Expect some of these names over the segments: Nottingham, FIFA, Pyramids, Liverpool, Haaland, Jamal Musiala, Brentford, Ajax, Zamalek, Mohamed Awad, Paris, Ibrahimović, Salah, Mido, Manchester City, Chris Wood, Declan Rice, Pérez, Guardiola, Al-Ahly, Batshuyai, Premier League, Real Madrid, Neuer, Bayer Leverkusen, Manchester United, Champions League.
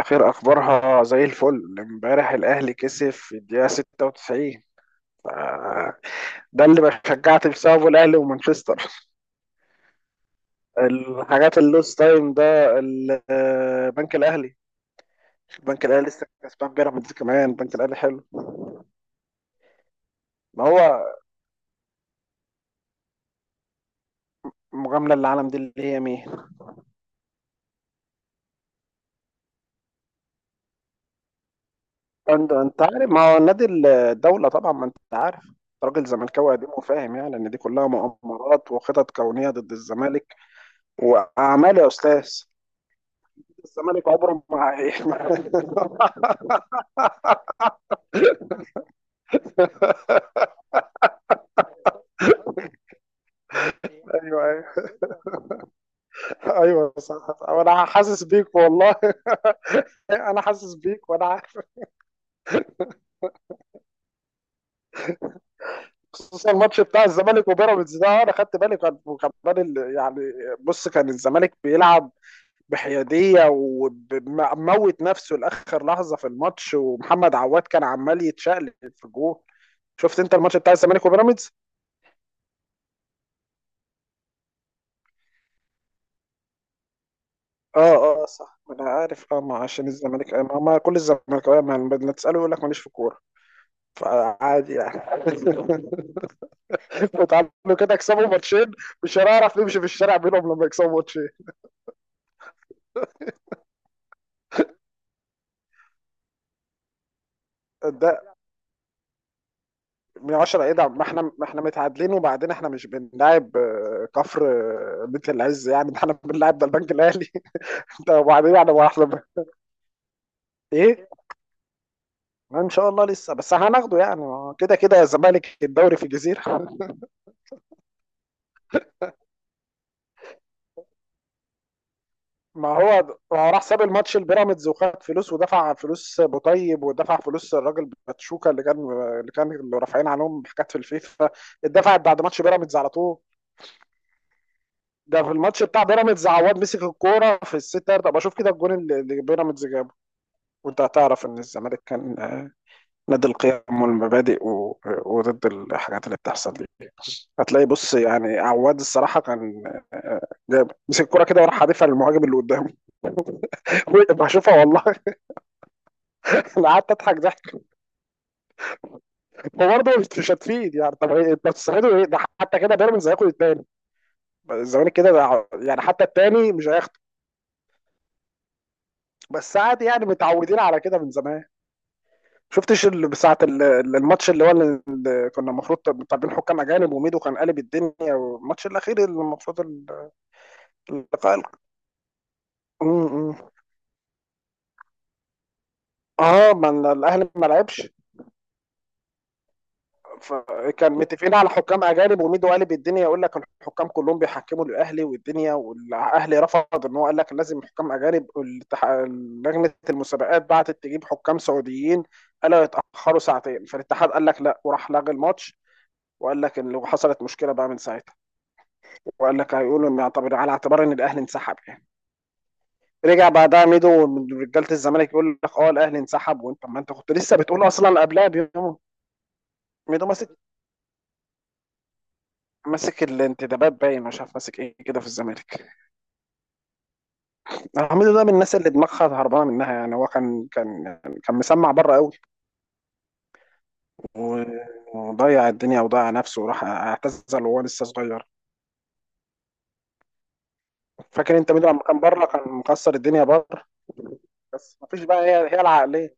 اخر اخبارها زي الفل. امبارح الاهلي كسب في الدقيقه 96. آه، ده اللي بشجعت بسببه الاهلي ومانشستر. الحاجات اللوس تايم ده بنك الاهلي. البنك الاهلي لسه كسبان بيراميدز، كمان البنك الاهلي حلو. ما هو المجامله اللي العالم دي اللي هي مين؟ انت عارف، ما هو نادي الدوله طبعا، ما انت عارف. راجل زملكاوي قديم وفاهم، يعني ان دي كلها مؤامرات وخطط كونيه ضد الزمالك واعمال يا استاذ. الزمالك عمره ما ايوه ايوه. ايوه صح صح، وانا حاسس بيك والله. انا حاسس بيك وانا عارف. خصوصا الماتش بتاع الزمالك وبيراميدز ده، انا خدت بالي، كان وكمان يعني بص، كان الزمالك بيلعب بحياديه وموت نفسه لاخر لحظه في الماتش، ومحمد عواد كان عمال يتشقلب في الجول. شفت انت الماتش بتاع الزمالك وبيراميدز؟ اه اه، صح انا عارف. اه ما عشان الزمالك، ما كل الزمالك، ما تساله يقول لك ماليش في الكوره. فعادي يعني. اتعلموا كده يكسبوا ماتشين، مش هنعرف نمشي في الشارع بينهم لما يكسبوا ماتشين. ده من 10 ايه ده؟ ما احنا، ما احنا متعادلين، وبعدين احنا مش بنلاعب كفر، بيت العز يعني، ده احنا بنلاعب ده البنك الاهلي. ده وبعدين يعني ما احنا ايه. ما ان شاء الله لسه، بس هناخده يعني، ما هو كده كده يا الزمالك الدوري في الجزيره. ما هو ما هو راح ساب الماتش البيراميدز، وخد فلوس، ودفع فلوس بوطيب، ودفع فلوس الراجل باتشوكا اللي كان، اللي رافعين عليهم حاجات في الفيفا. اتدفعت بعد ماتش بيراميدز على طول. ده في الماتش بتاع بيراميدز عواد مسك الكوره في الست يارده، بشوف كده الجون اللي بيراميدز جابه. وانت هتعرف ان الزمالك كان، نادي القيم والمبادئ وضد الحاجات اللي بتحصل دي. هتلاقي، بص يعني عواد الصراحه كان، جاب مسك الكوره كده وراح حادفها للمهاجم اللي قدامه. بشوفها والله. انا قعدت اضحك ضحك. وبرضه مش هتفيد يعني، طب انت بتستفيدوا ايه؟ ده حتى كده بيراميدز هياخد التاني، الزمالك كده يعني حتى التاني مش هياخده. بس عادي يعني، متعودين على كده من زمان. شفتش اللي ساعة الماتش اللي هو اللي كنا المفروض طالبين حكام أجانب، وميدو كان قالب الدنيا، والماتش الأخير اللي المفروض اللقاء ال- م- م. اه ما الأهلي ما لعبش. فكان متفقين على حكام اجانب، وميدو قالب الدنيا يقول لك الحكام كلهم بيحكموا الاهلي والدنيا، والاهلي رفض، ان هو قال لك لازم حكام اجانب. لجنه المسابقات بعتت تجيب حكام سعوديين، قالوا يتاخروا ساعتين، فالاتحاد قال لك لا وراح لغى الماتش. وقال لك ان لو حصلت مشكله بقى من ساعتها، وقال لك هيقولوا ان يعتبر على اعتبار ان الاهلي انسحب يعني. رجع بعدها ميدو من رجاله الزمالك يقول لك اه الاهلي انسحب، وانت ما انت كنت لسه بتقول اصلا قبلها بيوم. ميدو ماسك، ماسك الانتدابات باين، مش عارف ماسك ايه كده في الزمالك. حميدو ده من الناس اللي دماغها هربانه منها يعني، هو كان كان مسمع بره قوي و- وضيع الدنيا، وضيع نفسه، وراح اعتزل وهو لسه صغير. فاكر انت ميدو لما كان بره كان مكسر الدنيا بره؟ بس مفيش بقى، هي العقليه.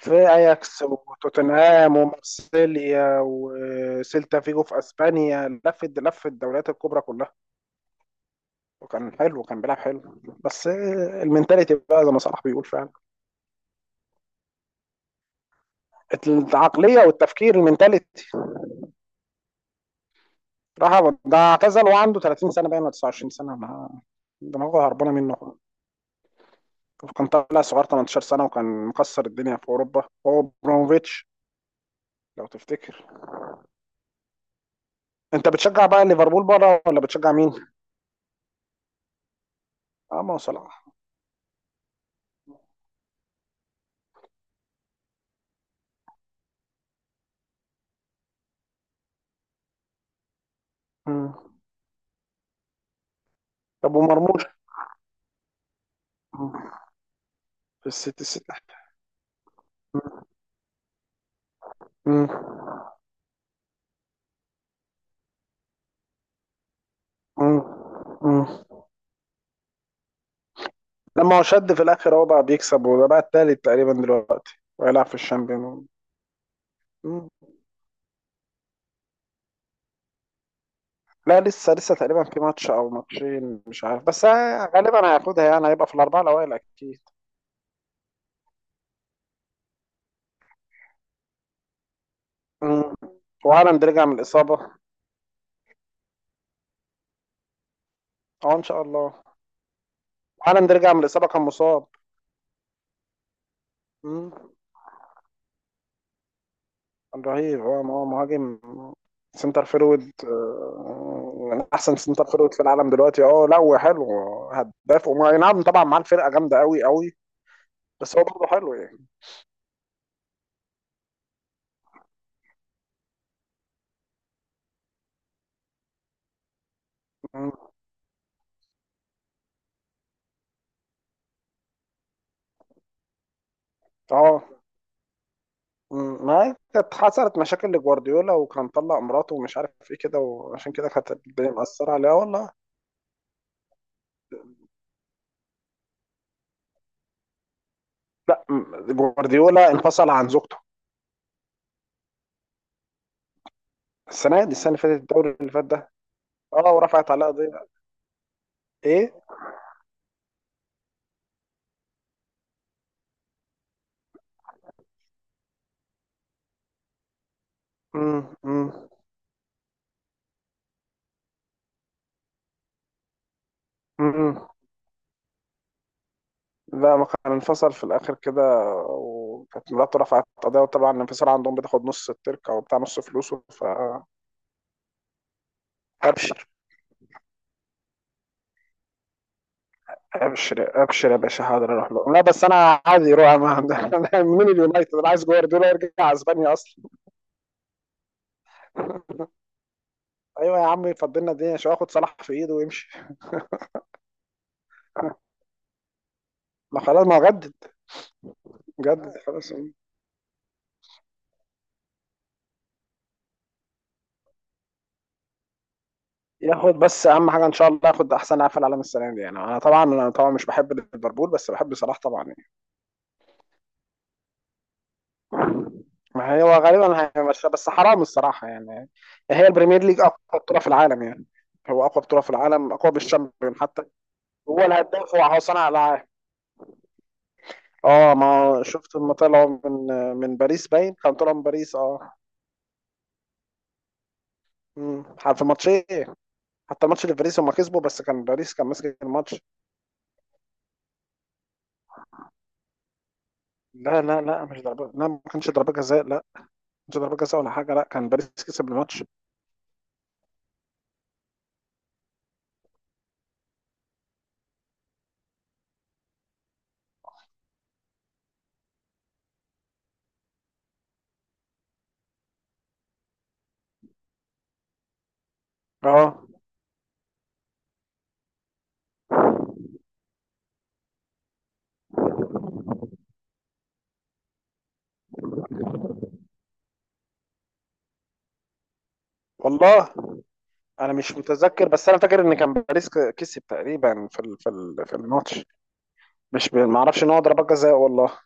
في اياكس وتوتنهام ومارسيليا وسيلتا فيجو في اسبانيا، لف لف الدوريات الكبرى كلها. وكان حلو وكان بيلعب حلو، بس المنتاليتي بقى زي ما صلاح بيقول فعلا، العقليه والتفكير المنتاليتي. راح ده اعتزل وعنده 30 سنه باين ولا 29 سنه، ما دماغه هربانه منه. كان طالع صغير 18 سنه وكان مكسر الدنيا في اوروبا، هو ابراهيموفيتش لو تفتكر. انت بتشجع بقى ليفربول بره ولا بتشجع مين؟ اه ما هو صلاح. مم. طب ومرموش؟ مم. في السيتي السيتي. مم. مم. مم. لما هو شد في الاخر هو بقى بيكسب، وده بقى التالت تقريبا دلوقتي، وهيلعب في الشامبيون. مم. لا لسه، لسه تقريبا في ماتش او ماتشين مش عارف، غالبا هياخدها يعني، هيبقى في الاربعه الاوائل اكيد. مم. وهالاند رجع من الاصابه. اه ان شاء الله. هالاند رجع من الاصابه، كان مصاب. مم. كان رهيب، هو مهاجم سنتر فيرود، من احسن سنتر فيرود في العالم دلوقتي. اه لا هو حلو، هداف أي نعم طبعا معاه الفرقه جامده قوي قوي، بس هو برضه حلو يعني. مم. اه مم، ما هي كانت حصلت مشاكل لجوارديولا، وكان طلع مراته ومش عارف ايه كده، وعشان كده كانت الدنيا مأثرة عليها والله. لا مم، جوارديولا انفصل عن زوجته. السنة دي، السنة اللي فاتت الدوري اللي فات ده. اه ورفعت عليها قضية. ايه، مم، مم، مم. لا ما كان انفصل في الآخر كده، وكانت مراته رفعت قضية. وطبعا الانفصال عندهم بتاخد نص التركة وبتاع، نص فلوسه. ف ابشر ابشر. ابشر يا باشا حاضر اروح له. لا بس انا عادي يروح أنا من اليونايتد، انا عايز جوارديولا يرجع اسبانيا اصلا. ايوه يا عم، فضلنا الدنيا شويه ياخد صلاح في ايده ويمشي. ما خلاص، ما هو جدد. جدد خلاص. ياخد بس اهم حاجه ان شاء الله، ياخد احسن لاعب في العالم السنه دي يعني، انا طبعا، انا طبعا مش بحب ليفربول بس بحب صلاح طبعا يعني. ما هو غالبا هيمشي، بس حرام الصراحه يعني. هي البريمير ليج اقوى بطوله في العالم يعني، هو اقوى بطوله في العالم، اقوى بالشامبيون حتى. هو هو صانع العاب. اه ما شفت لما طلعوا من، من باريس باين، كان طلعوا من باريس، اه. أمم. في ماتشين، حتى الماتش اللي في باريس هم كسبوا، بس كان باريس كان ماسك الماتش. لا لا لا مش ضربة، لا ما كانش ضربة جزاء، لا ما كانش ضربة جزاء ولا حاجة، لا كان باريس كسب الماتش. اه والله انا مش متذكر، بس انا فاكر ان كان باريس كسب تقريبا في في الماتش. مش ب- ما اعرفش ان هو ضربة جزاء والله.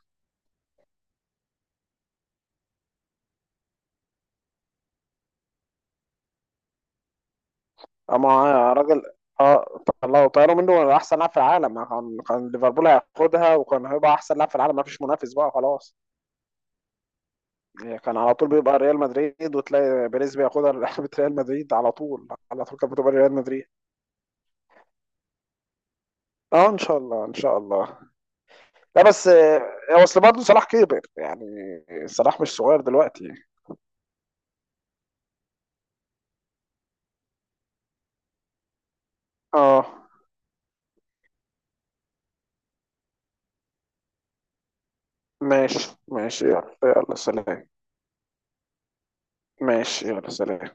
اما راجل، اه طلعوا طيروا منه احسن لاعب في العالم، كان ليفربول هياخدها وكان هيبقى احسن لاعب في العالم، ما فيش منافس بقى خلاص. هي كان على طول بيبقى ريال مدريد، وتلاقي بيريز بياخدها. لعبة ريال مدريد، على طول على طول كانت بتبقى ريال مدريد. اه ان شاء الله ان شاء الله. لا بس اصل برضه صلاح كبر يعني، صلاح مش صغير دلوقتي. اه ماشي ماشي، يلا يلا سلام. ماشي يلا سلام.